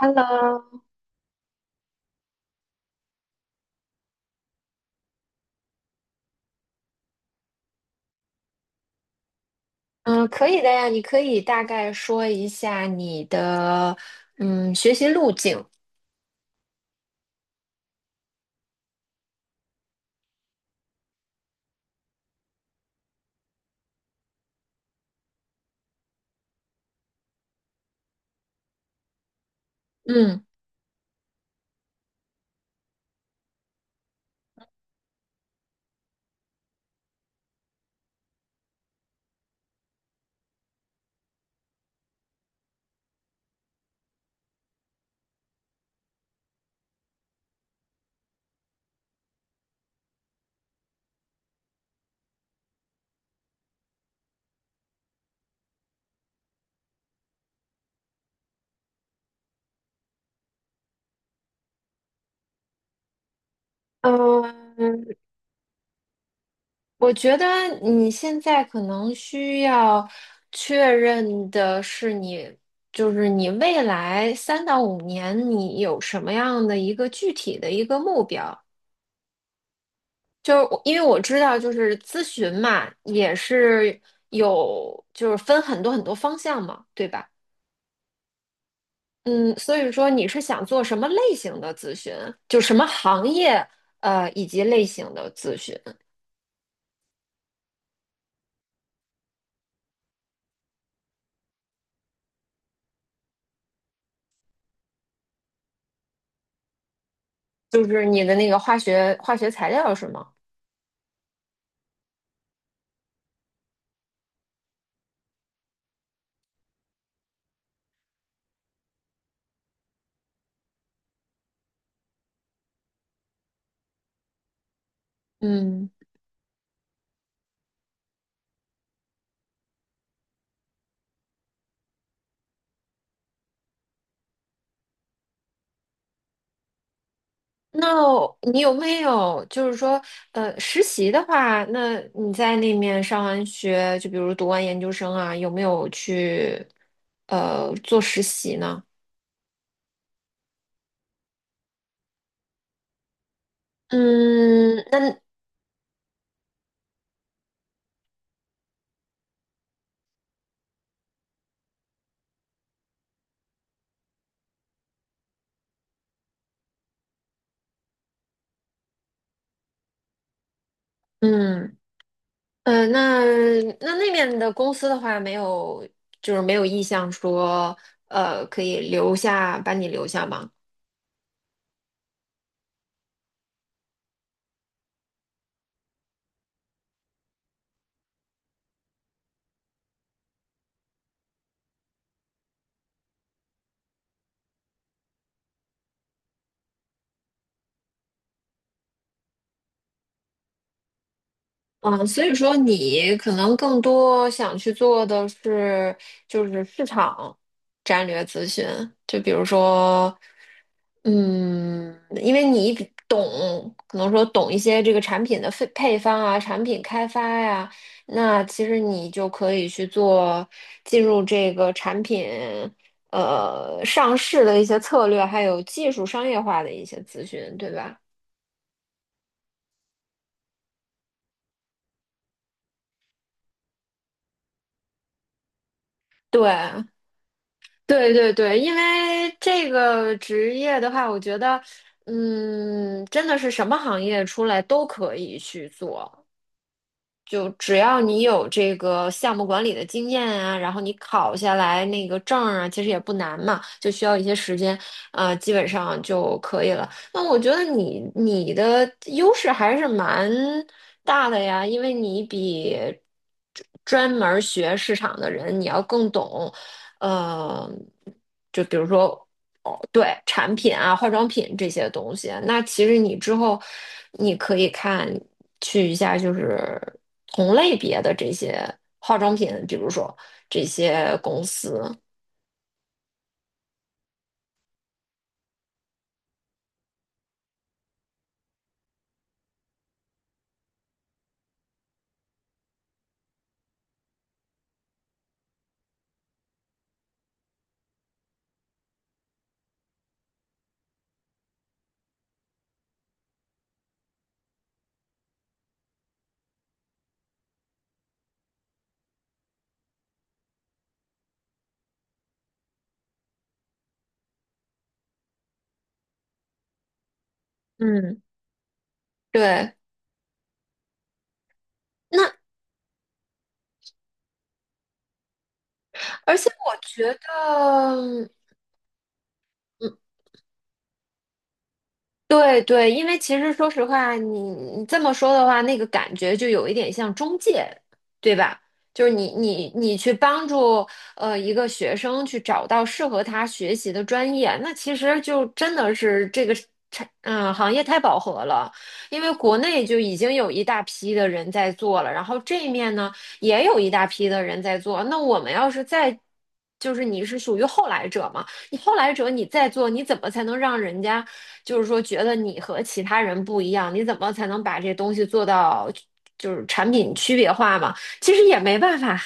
Hello，嗯，可以的呀，你可以大概说一下你的学习路径。嗯嗯，我觉得你现在可能需要确认的是你，就是你未来3到5年你有什么样的一个具体的一个目标。就是我因为我知道，就是咨询嘛，也是有就是分很多很多方向嘛，对吧？嗯，所以说你是想做什么类型的咨询？就什么行业，以及类型的咨询？就是你的那个化学材料是吗？嗯，那你有没有就是说，实习的话，那你在那面上完学，就比如读完研究生啊，有没有去做实习呢？嗯，那嗯。嗯，那那面的公司的话，没有，就是没有意向说，可以留下，把你留下吗？嗯，所以说你可能更多想去做的是，就是市场战略咨询，就比如说，因为你比懂，可能说懂一些这个产品的配方啊，产品开发呀，那其实你就可以去做进入这个产品上市的一些策略，还有技术商业化的一些咨询，对吧？对。对对对，因为这个职业的话，我觉得，真的是什么行业出来都可以去做，就只要你有这个项目管理的经验啊，然后你考下来那个证儿啊，其实也不难嘛，就需要一些时间，基本上就可以了。那我觉得你的优势还是蛮大的呀，因为你比专门儿学市场的人你要更懂，呃，就比如说。哦，对，产品啊，化妆品这些东西，那其实你之后你可以看。去一下就是同类别的这些化妆品，比如说这些公司。嗯，对。那而且我觉得，嗯，对对，因为其实说实话，你你这么说的话，那个感觉就有一点像中介，对吧？就是你去帮助一个学生去找到适合他学习的专业，那其实就真的是这个行业太饱和了，因为国内就已经有一大批的人在做了，然后这一面呢也有一大批的人在做，那我们要是再就是你是属于后来者嘛？你后来者你再做，你怎么才能让人家就是说觉得你和其他人不一样？你怎么才能把这东西做到就是产品区别化嘛？其实也没办法，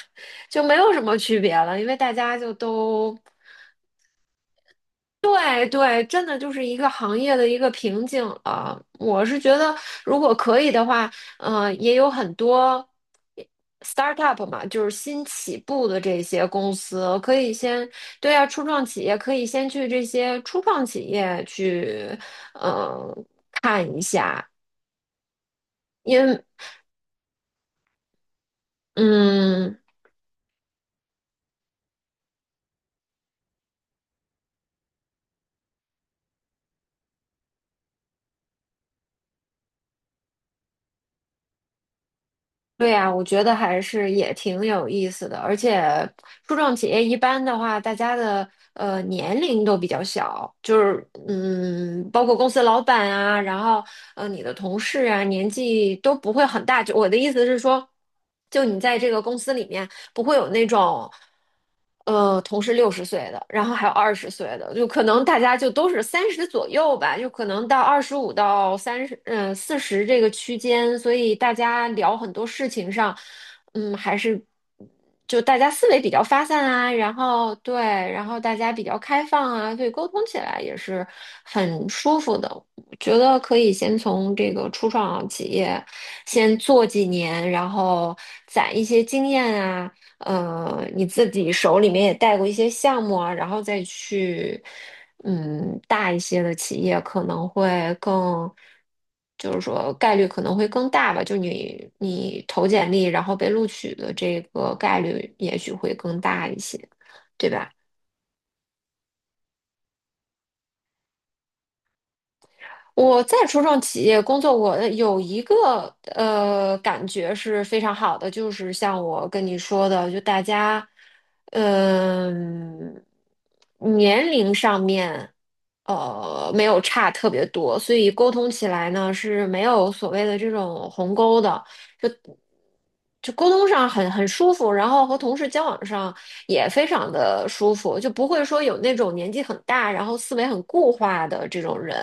就没有什么区别了，因为大家就都。对对，真的就是一个行业的一个瓶颈了。我是觉得，如果可以的话，也有很多 startup 嘛，就是新起步的这些公司，可以先，对啊，初创企业可以先去这些初创企业去。嗯，因嗯。对呀，我觉得还是也挺有意思的，而且初创企业一般的话，大家的年龄都比较小，就是包括公司老板啊，然后你的同事啊，年纪都不会很大。就我的意思是说，就你在这个公司里面。不会有那种，同是60岁的，然后还有20岁的，就可能大家就都是三十左右吧，就可能到25到30，四十这个区间，所以大家聊很多事情上，还是就大家思维比较发散啊，然后对，然后大家比较开放啊，所以沟通起来也是很舒服的。我觉得可以先从这个初创企业先做几年，然后攒一些经验啊，你自己手里面也带过一些项目啊，然后再去，大一些的企业可能会更，就是说概率可能会更大吧，就你投简历然后被录取的这个概率也许会更大一些，对吧？我在初创企业工作过，有一个感觉是非常好的，就是像我跟你说的，就大家，嗯、年龄上面，没有差特别多，所以沟通起来呢是没有所谓的这种鸿沟的。就沟通上很舒服，然后和同事交往上也非常的舒服，就不会说有那种年纪很大，然后思维很固化的这种人。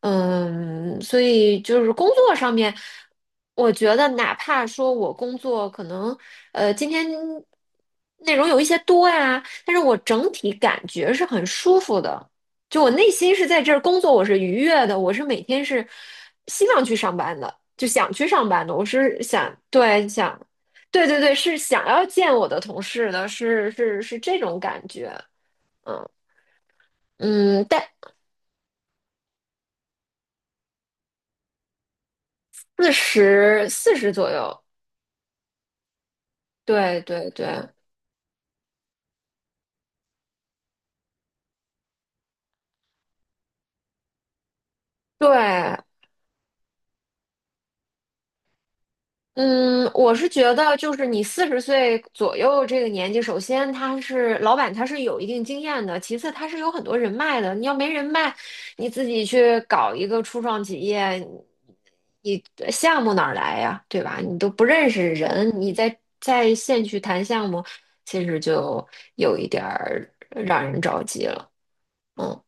所以就是工作上面，我觉得哪怕说我工作可能今天内容有一些多呀，但是我整体感觉是很舒服的。就我内心是在这儿工作，我是愉悦的，我是每天是希望去上班的，就想去上班的，我是想，对，想，对对对，是想要见我的同事的，是是是这种感觉，嗯嗯，但四十左右，对对对对。嗯，我是觉得，就是你40岁左右这个年纪，首先他是老板，他是有一定经验的；其次，他是有很多人脉的。你要没人脉，你自己去搞一个初创企业，你项目哪儿来呀？对吧？你都不认识人，你在在线去谈项目，其实就有一点儿让人着急了。嗯。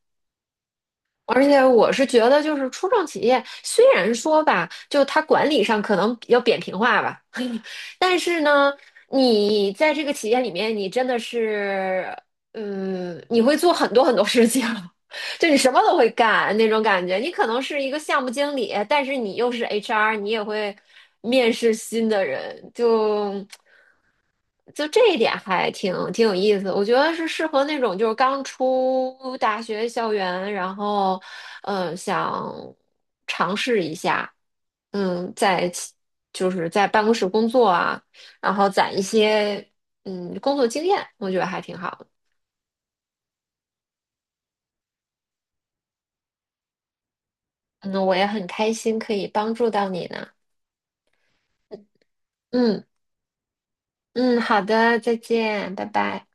而且我是觉得，就是初创企业虽然说吧，就它管理上可能比较扁平化吧，但是呢，你在这个企业里面，你真的是，你会做很多很多事情，就你什么都会干那种感觉。你可能是一个项目经理，但是你又是 HR，你也会面试新的人，就。就这一点还挺有意思，我觉得是适合那种就是刚出大学校园，然后，想尝试一下，嗯，在其就是在办公室工作啊，然后攒一些工作经验，我觉得还挺好的。嗯，我也很开心可以帮助到你呢。嗯嗯，好的，再见，拜拜。